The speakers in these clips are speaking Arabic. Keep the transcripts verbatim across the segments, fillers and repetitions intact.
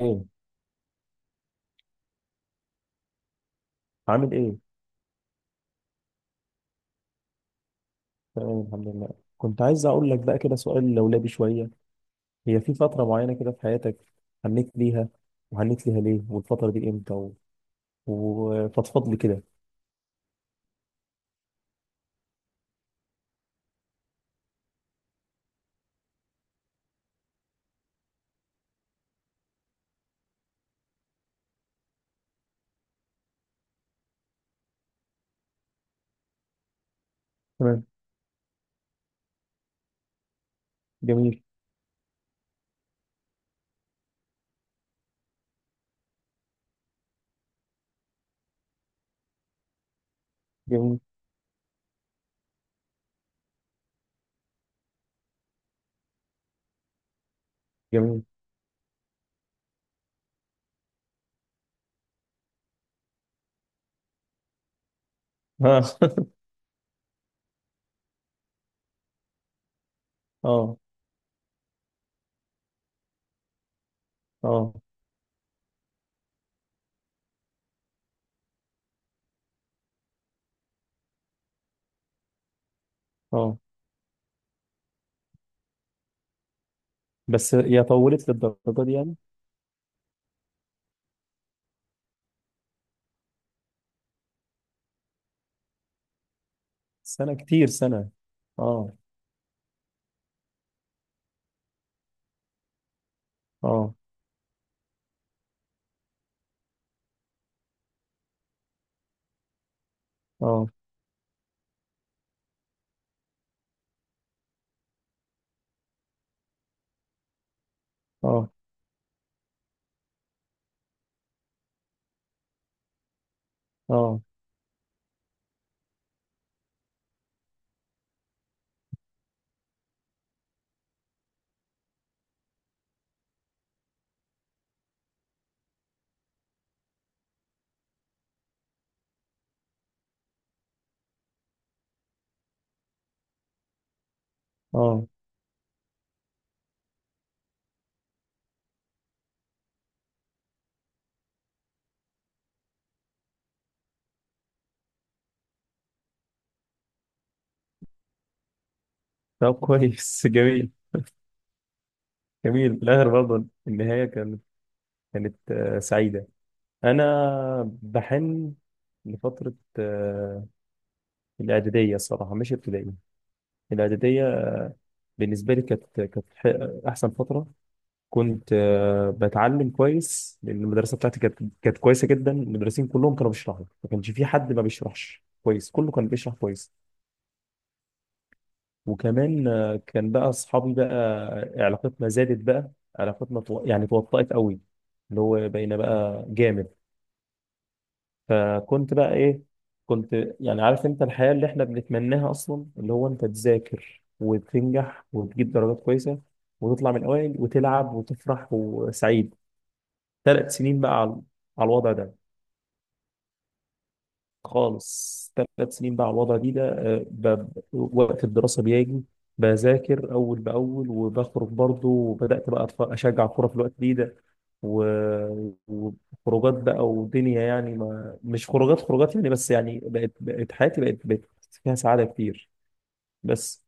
ايه؟ عامل ايه؟ تمام الحمد لله. كنت عايز اقول لك بقى كده سؤال لولبي شويه. هي في فتره معينه كده في حياتك هنيت ليها، وهنيت ليها ليه، والفتره دي امتى، و... وفضفض لي كده. تمام. جميل. جميل. جميل. اه. اه. اه. اه. بس هي طولت للدرجه دي يعني؟ سنه؟ كتير سنه. اه. اه. اه. اه. اه. اه. طب كويس. جميل. جميل في الاخر برضه، النهايه كانت كانت آه، سعيده. انا بحن لفتره، آه، الاعداديه الصراحه، مش ابتدائي، الاعداديه. بالنسبه لي كانت كانت ح- احسن فتره. كنت آه، بتعلم كويس، لان المدرسه بتاعتي كانت كانت كويسه جدا، المدرسين كلهم كانوا بيشرحوا، ما كانش في حد ما بيشرحش كويس، كله كان بيشرح كويس. وكمان آه، كان بقى اصحابي بقى، علاقتنا زادت بقى، علاقتنا تو- يعني توطأت قوي، اللي هو بقينا بقى جامد. فكنت بقى ايه؟ كنت، يعني عارف انت الحياة اللي احنا بنتمناها اصلا، اللي هو انت تذاكر وتنجح وتجيب درجات كويسة، وتطلع من الاوائل وتلعب وتفرح وسعيد. ثلاث سنين بقى على على الوضع ده خالص. ثلاث سنين بقى على الوضع دي ده، آه، ب- وقت الدراسة بيجي، بذاكر أول بأول وبخرج برضه، وبدأت بقى أتف- أشجع كورة في الوقت دي ده، و- وخروجات بقى ودنيا. يعني ما مش خروجات خروجات، يعني بس يعني بقت بقت حياتي بقت بقت فيها سعادة كتير. بس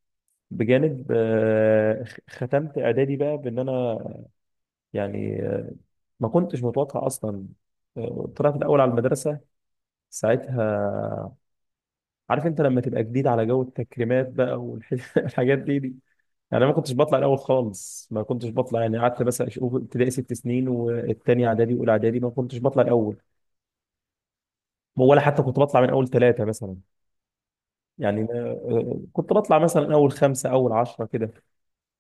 بجانب آه، خ- ختمت إعدادي بقى بإن أنا يعني، آه، ما كنتش متوقع أصلا، آه، طلعت الأول على المدرسة ساعتها. عارف انت لما تبقى جديد على جو التكريمات بقى، والح- والحاجات دي دي. يعني انا ما كنتش بطلع الاول خالص، ما كنتش بطلع، يعني قعدت بس اشوف، ابتدائي ست سنين والتاني اعدادي واولى اعدادي ما كنتش بطلع الاول، ولا حتى كنت بطلع من اول ثلاثه مثلا. يعني ما- آه، كنت بطلع مثلا اول خمسه اول عشره كده،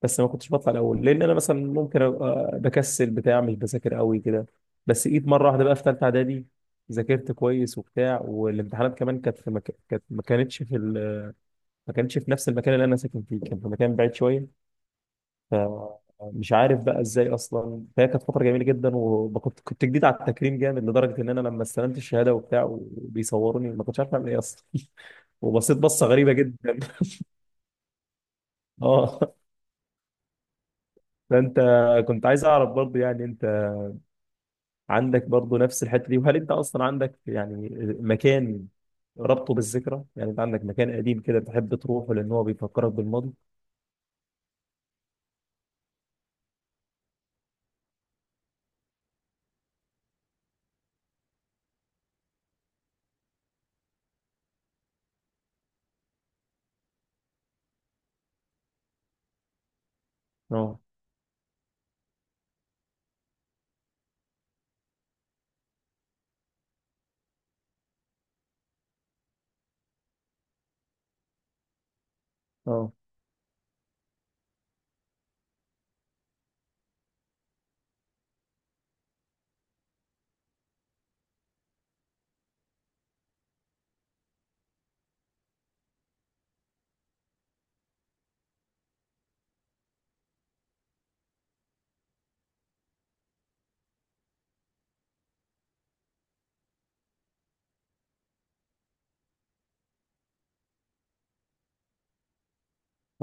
بس ما كنتش بطلع الاول، لان انا مثلا ممكن ابقى بكسل بتاع، مش بذاكر قوي كده. بس جيت مره واحده بقى في ثالثه اعدادي، ذاكرت كويس وبتاع، والامتحانات كمان كانت في مك... كانت ما كانتش في ال... ما كانتش في نفس المكان اللي انا ساكن فيه، كان في مكان بعيد شويه. فمش عارف بقى ازاي اصلا، فهي كانت فتره جميله جدا، وكنت كنت جديد على التكريم جامد، لدرجه ان انا لما استلمت الشهاده وبتاع وبيصوروني ما كنتش عارف اعمل ايه اصلا. وبصيت بصه غريبه جدا. اه. فانت كنت عايز اعرف برضه يعني، انت عندك برضه نفس الحته دي؟ وهل انت اصلا عندك يعني مكان ربطه بالذكرى؟ يعني انت عندك مكان قديم كده بتحب تروحه لان هو بيفكرك بالماضي؟ اه. اه.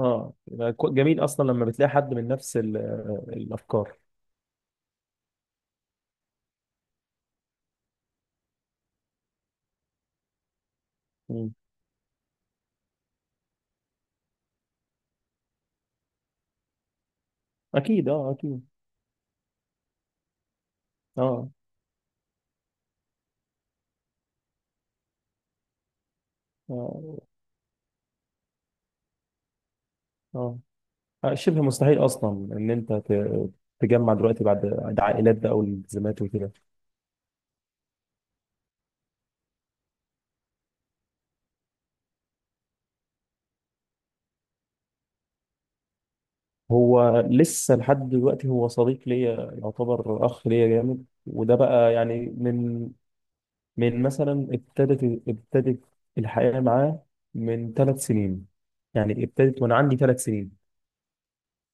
اه. يبقى كو- جميل اصلا لما بتلاقي حد من نفس ال- الافكار. مم. اكيد اه اكيد. اه. اه. اه. آه، شبه مستحيل اصلا ان انت ت- تجمع دلوقتي بعد بعد عائلات بقى والالتزامات وكده. هو لسه لحد دلوقتي هو صديق ليا، يعتبر اخ ليا جامد، وده بقى يعني من من مثلا ابتدت ابتدت الحياة معاه من ثلاث سنين. يعني ابتدت وانا عندي ثلاث سنين،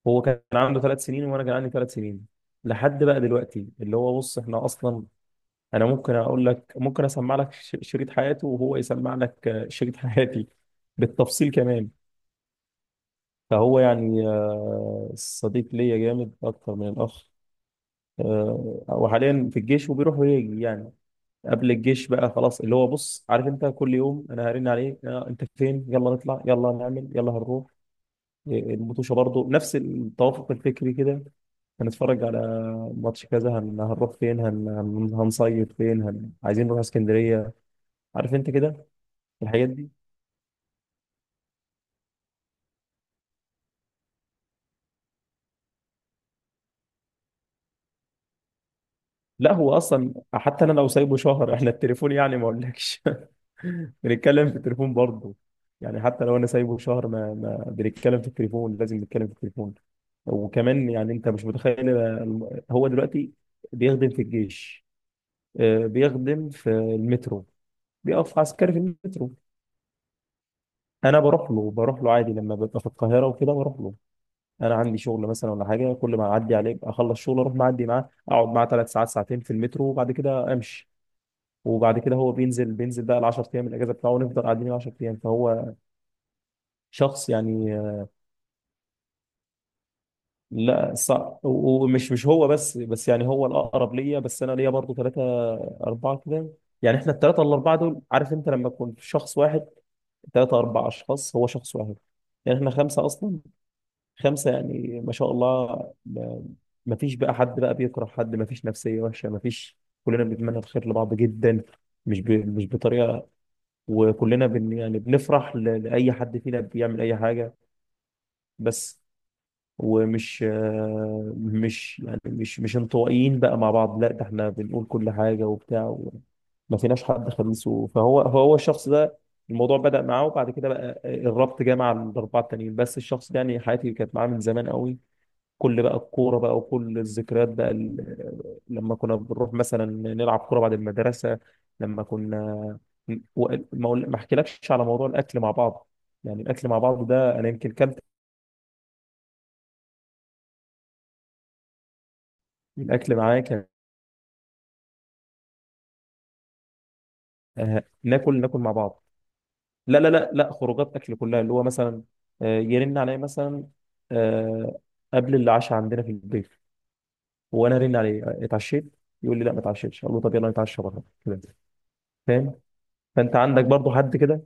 هو كان عنده ثلاث سنين وانا كان عندي ثلاث سنين. لحد بقى دلوقتي اللي هو بص، احنا اصلا انا ممكن اقول لك، ممكن اسمع لك ش- شريط حياته وهو يسمع لك آه، شريط حياتي بالتفصيل كمان. فهو يعني آه، صديق ليا جامد اكتر من الاخ. آه، وحاليا في الجيش وبيروح ويجي يعني. قبل الجيش بقى خلاص، اللي هو بص عارف انت، كل يوم انا هرن عليك، آه، انت فين، يلا نطلع، يلا نعمل، يلا هنروح، آه، المطوشه برضه، نفس التوافق الفكري كده. هنتفرج على ماتش كذا، هن... هنروح فين، هن... هن- هنصيف فين، هن... عايزين نروح اسكندرية، عارف انت كده الحاجات دي. لا، هو اصلا حتى انا لو سايبه شهر، احنا التليفون يعني، ما اقولكش. بنتكلم في التليفون برضه. يعني حتى لو انا سايبه شهر ما, ما بنتكلم في التليفون، لازم نتكلم في التليفون. وكمان يعني انت مش متخيل ال- هو دلوقتي بيخدم في الجيش، آه، بيخدم في المترو، بيقف عسكري في المترو. انا بروح له بروح له عادي لما ببقى في القاهره وكده بروح له. انا عندي شغل مثلا ولا حاجه، كل ما اعدي عليه اخلص شغل اروح معدي معاه، اقعد معاه ثلاث ساعات ساعتين في المترو وبعد كده امشي. وبعد كده هو بينزل بينزل بقى ال عشر ايام الاجازه بتاعه، ونفضل قاعدين ال عشر ايام. فهو شخص يعني، آه، لا صعب، ومش مش هو بس بس يعني هو الاقرب ليا. بس انا ليا برضه ثلاثه اربعه كده، يعني احنا الثلاثه الاربعه دول، عارف انت لما تكون شخص واحد، ثلاثة أربع أشخاص هو شخص واحد، يعني إحنا خمسة أصلا، خمسة يعني ما شاء الله. ما ما فيش بقى حد بقى بيكره حد، ما فيش نفسية وحشة، ما فيش، كلنا بنتمنى الخير لبعض جدا، مش ب... مش بطريقة. وكلنا بن... يعني بنفرح ل... لأي حد فينا بيعمل أي حاجة. بس، ومش آه، مش يعني مش مش انطوائيين بقى مع بعض، لا ده احنا بنقول كل حاجة وبتاع و... ما فيناش حد خميسه. فهو هو الشخص ده، الموضوع بدأ معاه، وبعد كده بقى الربط جه مع الأربعة التانيين. بس الشخص ده يعني حياتي كانت معاه من زمان قوي. كل بقى الكورة بقى وكل الذكريات بقى ال- لما كنا بنروح مثلا نلعب كورة بعد المدرسة. لما كنا و- ما أقول- ما احكيلكش على موضوع الأكل مع بعض. يعني الأكل مع بعض ده أنا يمكن كلت الأكل معاك، آه، ناكل ناكل مع بعض. لا، لا، لا، لا، خروجات أكل كلها، اللي هو مثلا آه، يرن عليا مثلا آه، قبل العشاء عندنا في البيت، وأنا أرن عليه، اتعشيت؟ يقول لي لا ما اتعشيتش. أقول له طب يلا نتعشى بره كده. فاهم؟ فأنت عندك برضو حد كده؟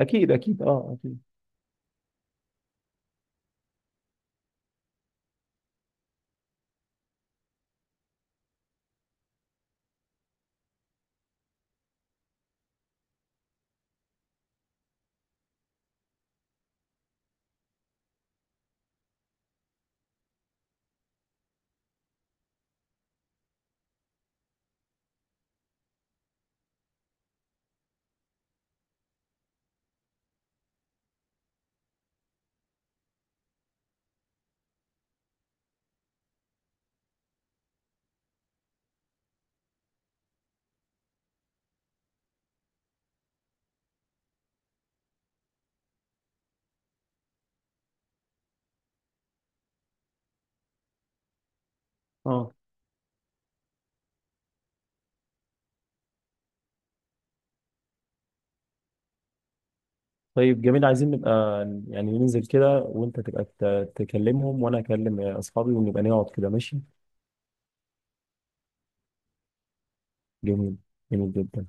أكيد أكيد أه أكيد. اه. طيب جميل، عايزين نبقى يعني ننزل كده وانت تبقى ت- تكلمهم، وانا اكلم اصحابي ونبقى نقعد كده، ماشي. جميل. جميل جدا.